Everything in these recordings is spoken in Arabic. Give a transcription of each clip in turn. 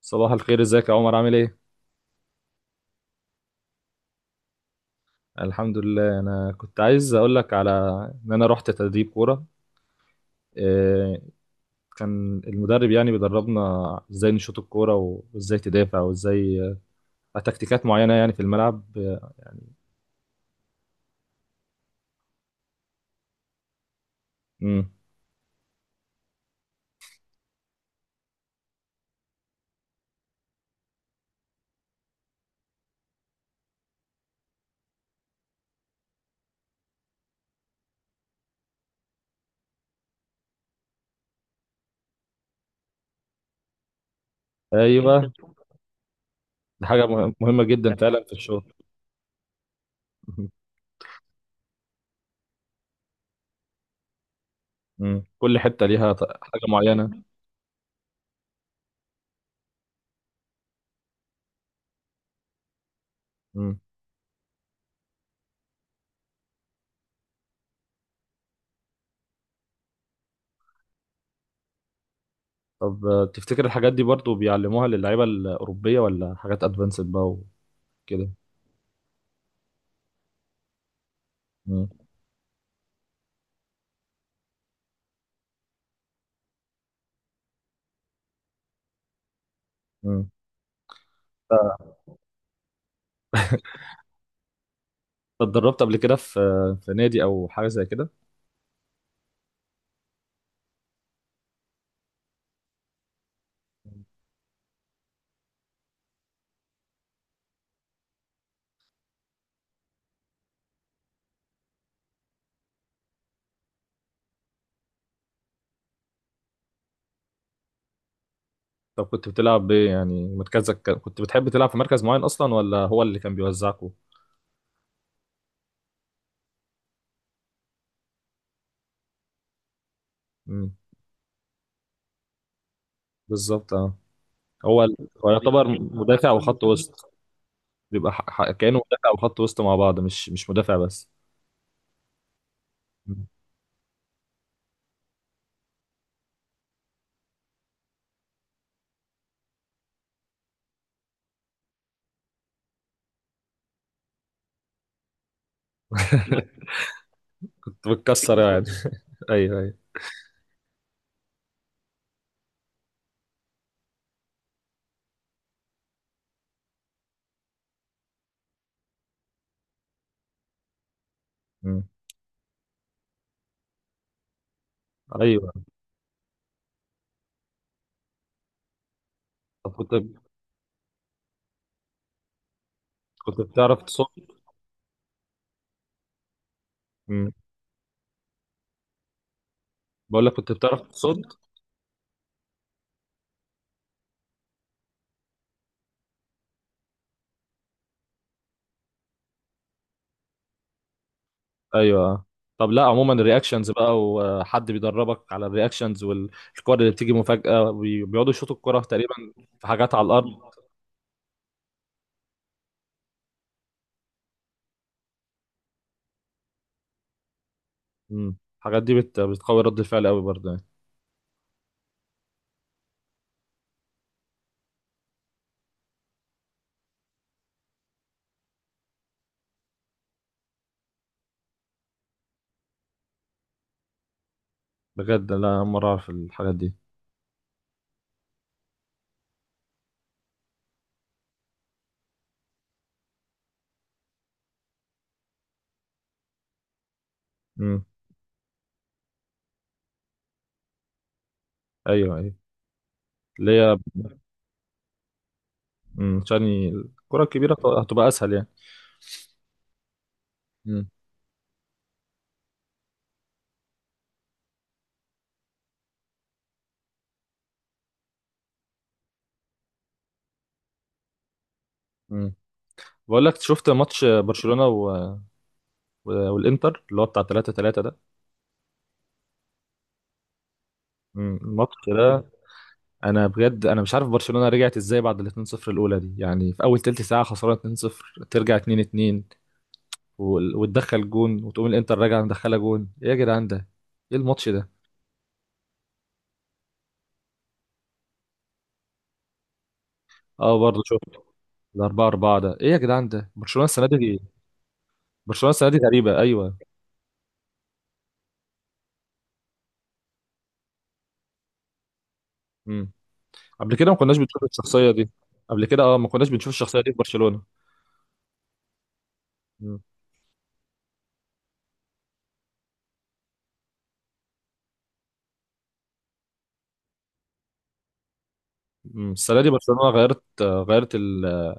صباح الخير، ازيك يا عمر؟ عامل ايه؟ الحمد لله. انا كنت عايز اقول لك على انا رحت تدريب كوره. إيه، كان المدرب يعني بيدربنا ازاي نشوط الكوره و- وازاي تدافع وازاي تكتيكات معينه يعني في الملعب. امم. ايوه، دي حاجه مهمه جدا فعلا في الشغل. مم. كل حته ليها حاجه معينه. مم. طب تفتكر الحاجات دي برضو بيعلموها للعيبه الاوروبيه ولا حاجات ادفانسد بقى وكده؟ مم. مم. اتدربت قبل كده في في نادي او حاجه زي كده؟ طب كنت بتلعب بايه؟ يعني مركزك كنت بتحب تلعب في مركز معين اصلا ولا هو اللي كان بيوزعكوا؟ امم. بالظبط اه. هو ال- هو يعتبر مدافع وخط وسط. بيبقى كانه مدافع وخط وسط مع بعض، مش مدافع بس. مم. كنت بتكسر يعني. ايوه ايوه. مم. ايوه. طب كنت بتعرف تصد؟ مم. بقول لك كنت بتعرف تصد؟ ايوه. طب لا عموما الرياكشنز بقى، وحد بيدربك على الرياكشنز والكور اللي بتيجي مفاجأة بيقعدوا يشوطوا الكرة تقريبا في حاجات على الارض. امم، الحاجات دي بتقوي رد الفعل قوي برضه يعني. بجد لا، أول مرة اعرف الحاجات دي. امم. ايوه ايوه، اللي هي. امم، عشان الكرة الكبيرة هتبقى اسهل يعني. امم. امم. بقول لك، شفت ماتش برشلونة والانتر اللي هو بتاع 3 3 ده؟ امم، الماتش ده. انا بجد انا مش عارف برشلونة رجعت ازاي بعد ال 2-0 الاولى دي، يعني في اول تلت ساعة خسرانة 2-0 ترجع 2-2 وتدخل جون وتقوم الانتر راجعة مدخلة جون. ايه يا جدعان ده؟ ايه الماتش ده؟ اه برضه شفت. الأربعة أربعة اربعة ده إيه يا جدعان ده؟ برشلونة السنة دي. برشلونة السنة دي غريبة أيوه. مم. قبل كده ما كناش بنشوف الشخصية دي. قبل كده أه، ما كناش بنشوف الشخصية دي في برشلونة. مم. مم. السنه دي برشلونه غيرت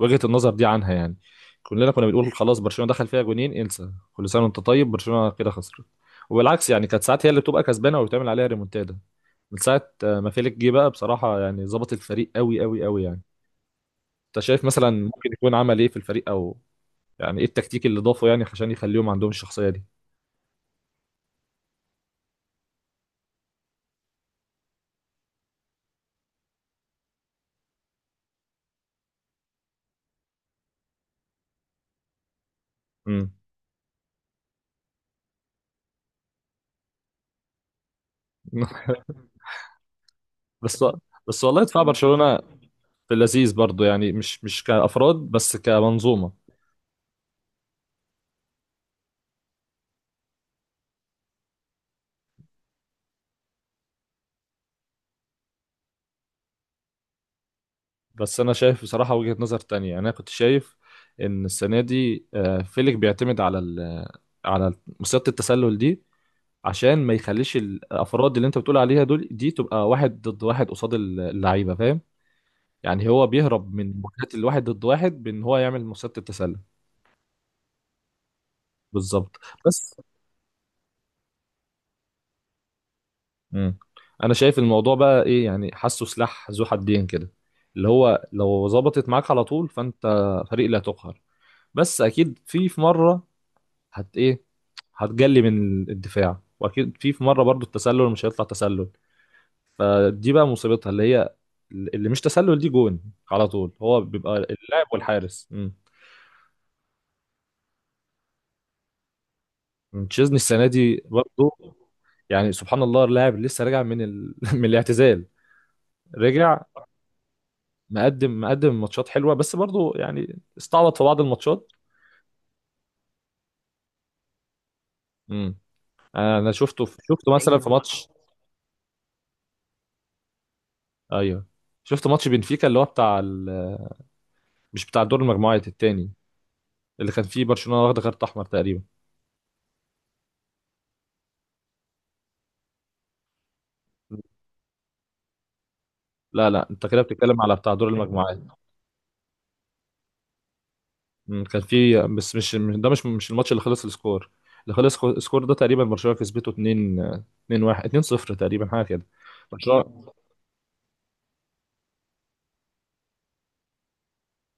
وجهه النظر دي عنها يعني. كلنا كنا بنقول خلاص برشلونه دخل فيها جونين، انسى. كل سنه وانت طيب برشلونه كده خسرت. وبالعكس يعني كانت ساعات هي اللي بتبقى كسبانه وبتعمل عليها ريمونتادا. من ساعه ما فيليك جه بقى بصراحه يعني ظبط الفريق قوي قوي يعني. انت شايف مثلا ممكن يكون عمل ايه في الفريق؟ او يعني ايه التكتيك اللي ضافه يعني عشان يخليهم عندهم الشخصيه دي؟ امم. بس والله دفاع برشلونه في اللذيذ برضو يعني، مش كافراد بس كمنظومه. بس انا شايف بصراحه وجهه نظر تانية يعني. انا كنت شايف ان السنه دي فيليك بيعتمد على على مصيده التسلل دي عشان ما يخليش الافراد اللي انت بتقول عليها دول دي تبقى واحد ضد واحد قصاد اللعيبه، فاهم؟ يعني هو بيهرب من مواجهات الواحد ضد واحد بان هو يعمل مصيده التسلل. بالظبط. بس مم. انا شايف الموضوع بقى ايه يعني، حاسه سلاح ذو حدين كده. اللي هو لو ظبطت معاك على طول فانت فريق لا تقهر. بس اكيد في في مره هت ايه هتجلي من الدفاع، واكيد في في مره برضو التسلل مش هيطلع تسلل. فدي بقى مصيبتها اللي هي اللي مش تسلل دي جون على طول. هو بيبقى اللاعب والحارس. امم. تشيزني السنه دي برضو. يعني سبحان الله، اللاعب لسه راجع من من الاعتزال. رجع. مقدم ماتشات حلوه، بس برضو يعني استعبط في بعض الماتشات. امم. انا شفته شفته مثلا في ماتش. ايوه، شفت ماتش بنفيكا اللي هو بتاع مش بتاع دور المجموعات التاني اللي كان فيه برشلونة واخدة كارت احمر تقريبا. لا لا، انت كده بتتكلم على بتاع دور المجموعات. مم، كان فيه بس ده مش الماتش اللي خلص السكور. اللي خلص السكور ده تقريبا برشلونة كسبته 2 2 1 2 0 تقريبا حاجة كده. برشلونة.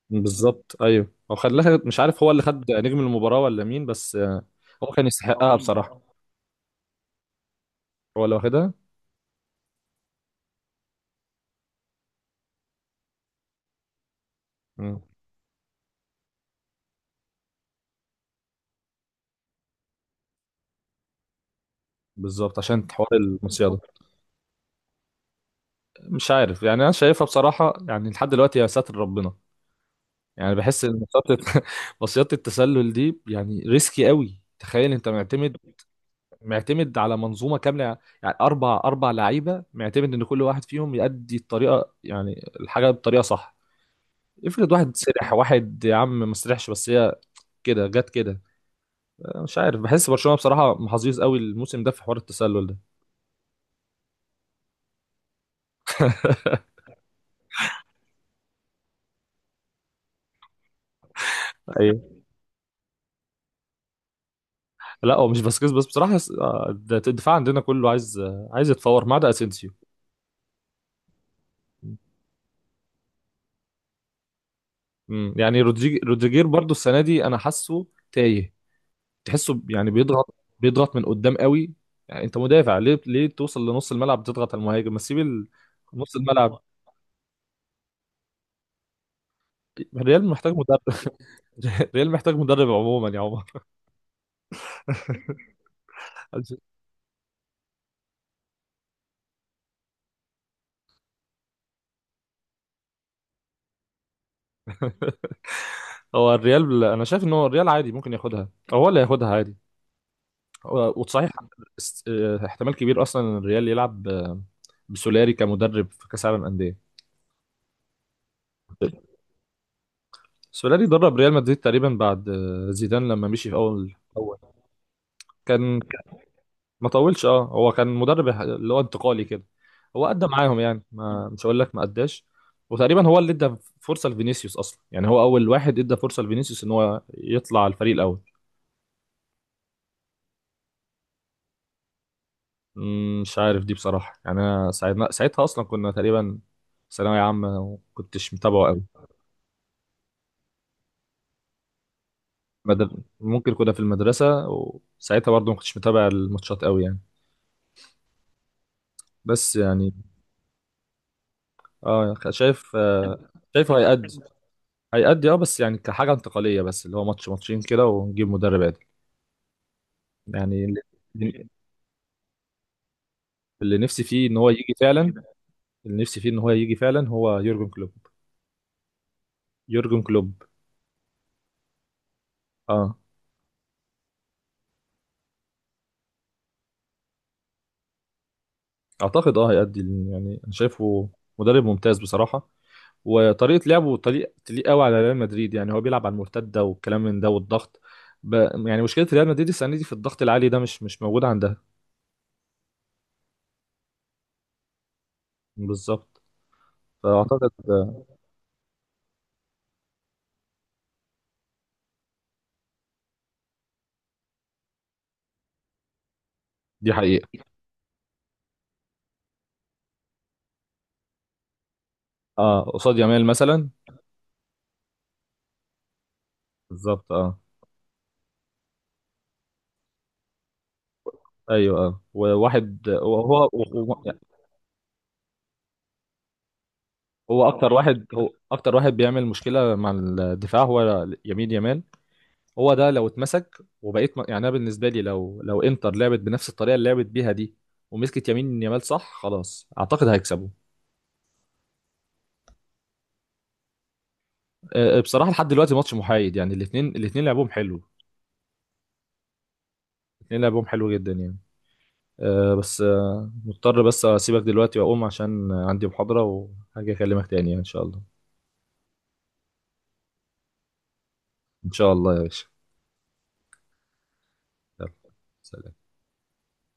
بالظبط ايوه. هو خلاها، مش عارف هو اللي خد نجم المباراة ولا مين، بس هو كان يستحقها بصراحة. هو اللي واخدها. مم. بالظبط عشان حوار المصيدة. مش عارف يعني، انا شايفها بصراحة يعني لحد دلوقتي يا ساتر ربنا. يعني بحس ان مصيدة مصيدة التسلل دي يعني ريسكي قوي. تخيل انت معتمد على منظومه كامله. يعني اربع اربع لعيبه، معتمد ان كل واحد فيهم يأدي الطريقه يعني الحاجه بطريقه صح. افرض واحد سرح، واحد يا عم ما سرحش، بس هي كده جت كده. مش عارف، بحس برشلونه بصراحه محظوظ قوي الموسم ده في حوار التسلل ده. ايوه. لا هو مش باسكيز بس بصراحه، آه، الدفاع عندنا كله عايز عايز يتفور ما عدا اسينسيو. مم. يعني رودريجير برضو السنه دي انا حاسه تايه. تحسه يعني بيضغط من قدام قوي. يعني انت مدافع، ليه توصل لنص الملعب تضغط على المهاجم؟ ما تسيب نص الملعب. الريال محتاج مدرب. الريال محتاج مدرب عموما يا عمر. هو الريال انا شايف ان هو الريال عادي ممكن ياخدها، أو هو اللي هياخدها عادي. وصحيح اه، احتمال كبير اصلا إن الريال يلعب بسولاري كمدرب في كاس العالم انديه. سولاري درب ريال مدريد تقريبا بعد زيدان لما مشي في اول. كان ما طولش اه. هو كان مدرب اللي هو انتقالي كده. هو ادى معاهم يعني، ما مش هقول لك ما اداش. وتقريبا هو اللي ادى فرصه لفينيسيوس اصلا، يعني هو اول واحد ادى فرصه لفينيسيوس ان هو يطلع على الفريق الاول. مم. مش عارف دي بصراحه، يعني انا ساعتها اصلا كنا تقريبا ثانويه عامه، وكنتش متابعه قوي. مدر... ممكن كنا في المدرسه، وساعتها برضه ما كنتش متابع الماتشات قوي يعني. بس يعني اه شايف شايفه هيأدي. هيأدي اه، بس يعني كحاجة انتقالية بس، اللي هو ماتش ماتشين كده ونجيب مدرب عادل يعني. اللي اللي نفسي فيه ان هو يجي فعلا، اللي نفسي فيه ان هو يجي فعلا هو يورجن كلوب. يورجن كلوب اه. اعتقد اه هيأدي، يعني انا شايفه مدرب ممتاز بصراحة. وطريقة لعبه طريق تليق قوي على ريال مدريد، يعني هو بيلعب على المرتدة والكلام من ده والضغط. ب... يعني مشكلة ريال مدريد السنة دي في الضغط العالي ده مش موجود عندها. بالظبط. فأعتقد آه، دي حقيقة. اه قصاد يامال مثلا. بالظبط اه. ايوه اه. وواحد هو هو اكتر واحد، بيعمل مشكله مع الدفاع هو يمين يامال. هو ده لو اتمسك وبقيت يعني انا بالنسبه لي لو انتر لعبت بنفس الطريقه اللي لعبت بيها دي، ومسكت يمين يامال صح، خلاص اعتقد هيكسبوا. بصراحه لحد دلوقتي ماتش محايد، يعني الاثنين لعبهم حلو، الاثنين لعبهم حلو جدا يعني. أه بس أه مضطر بس اسيبك دلوقتي واقوم عشان عندي محاضره، وهاجي اكلمك تاني يعني ان شاء الله. ان شاء الله يا باشا. يلا، سلام.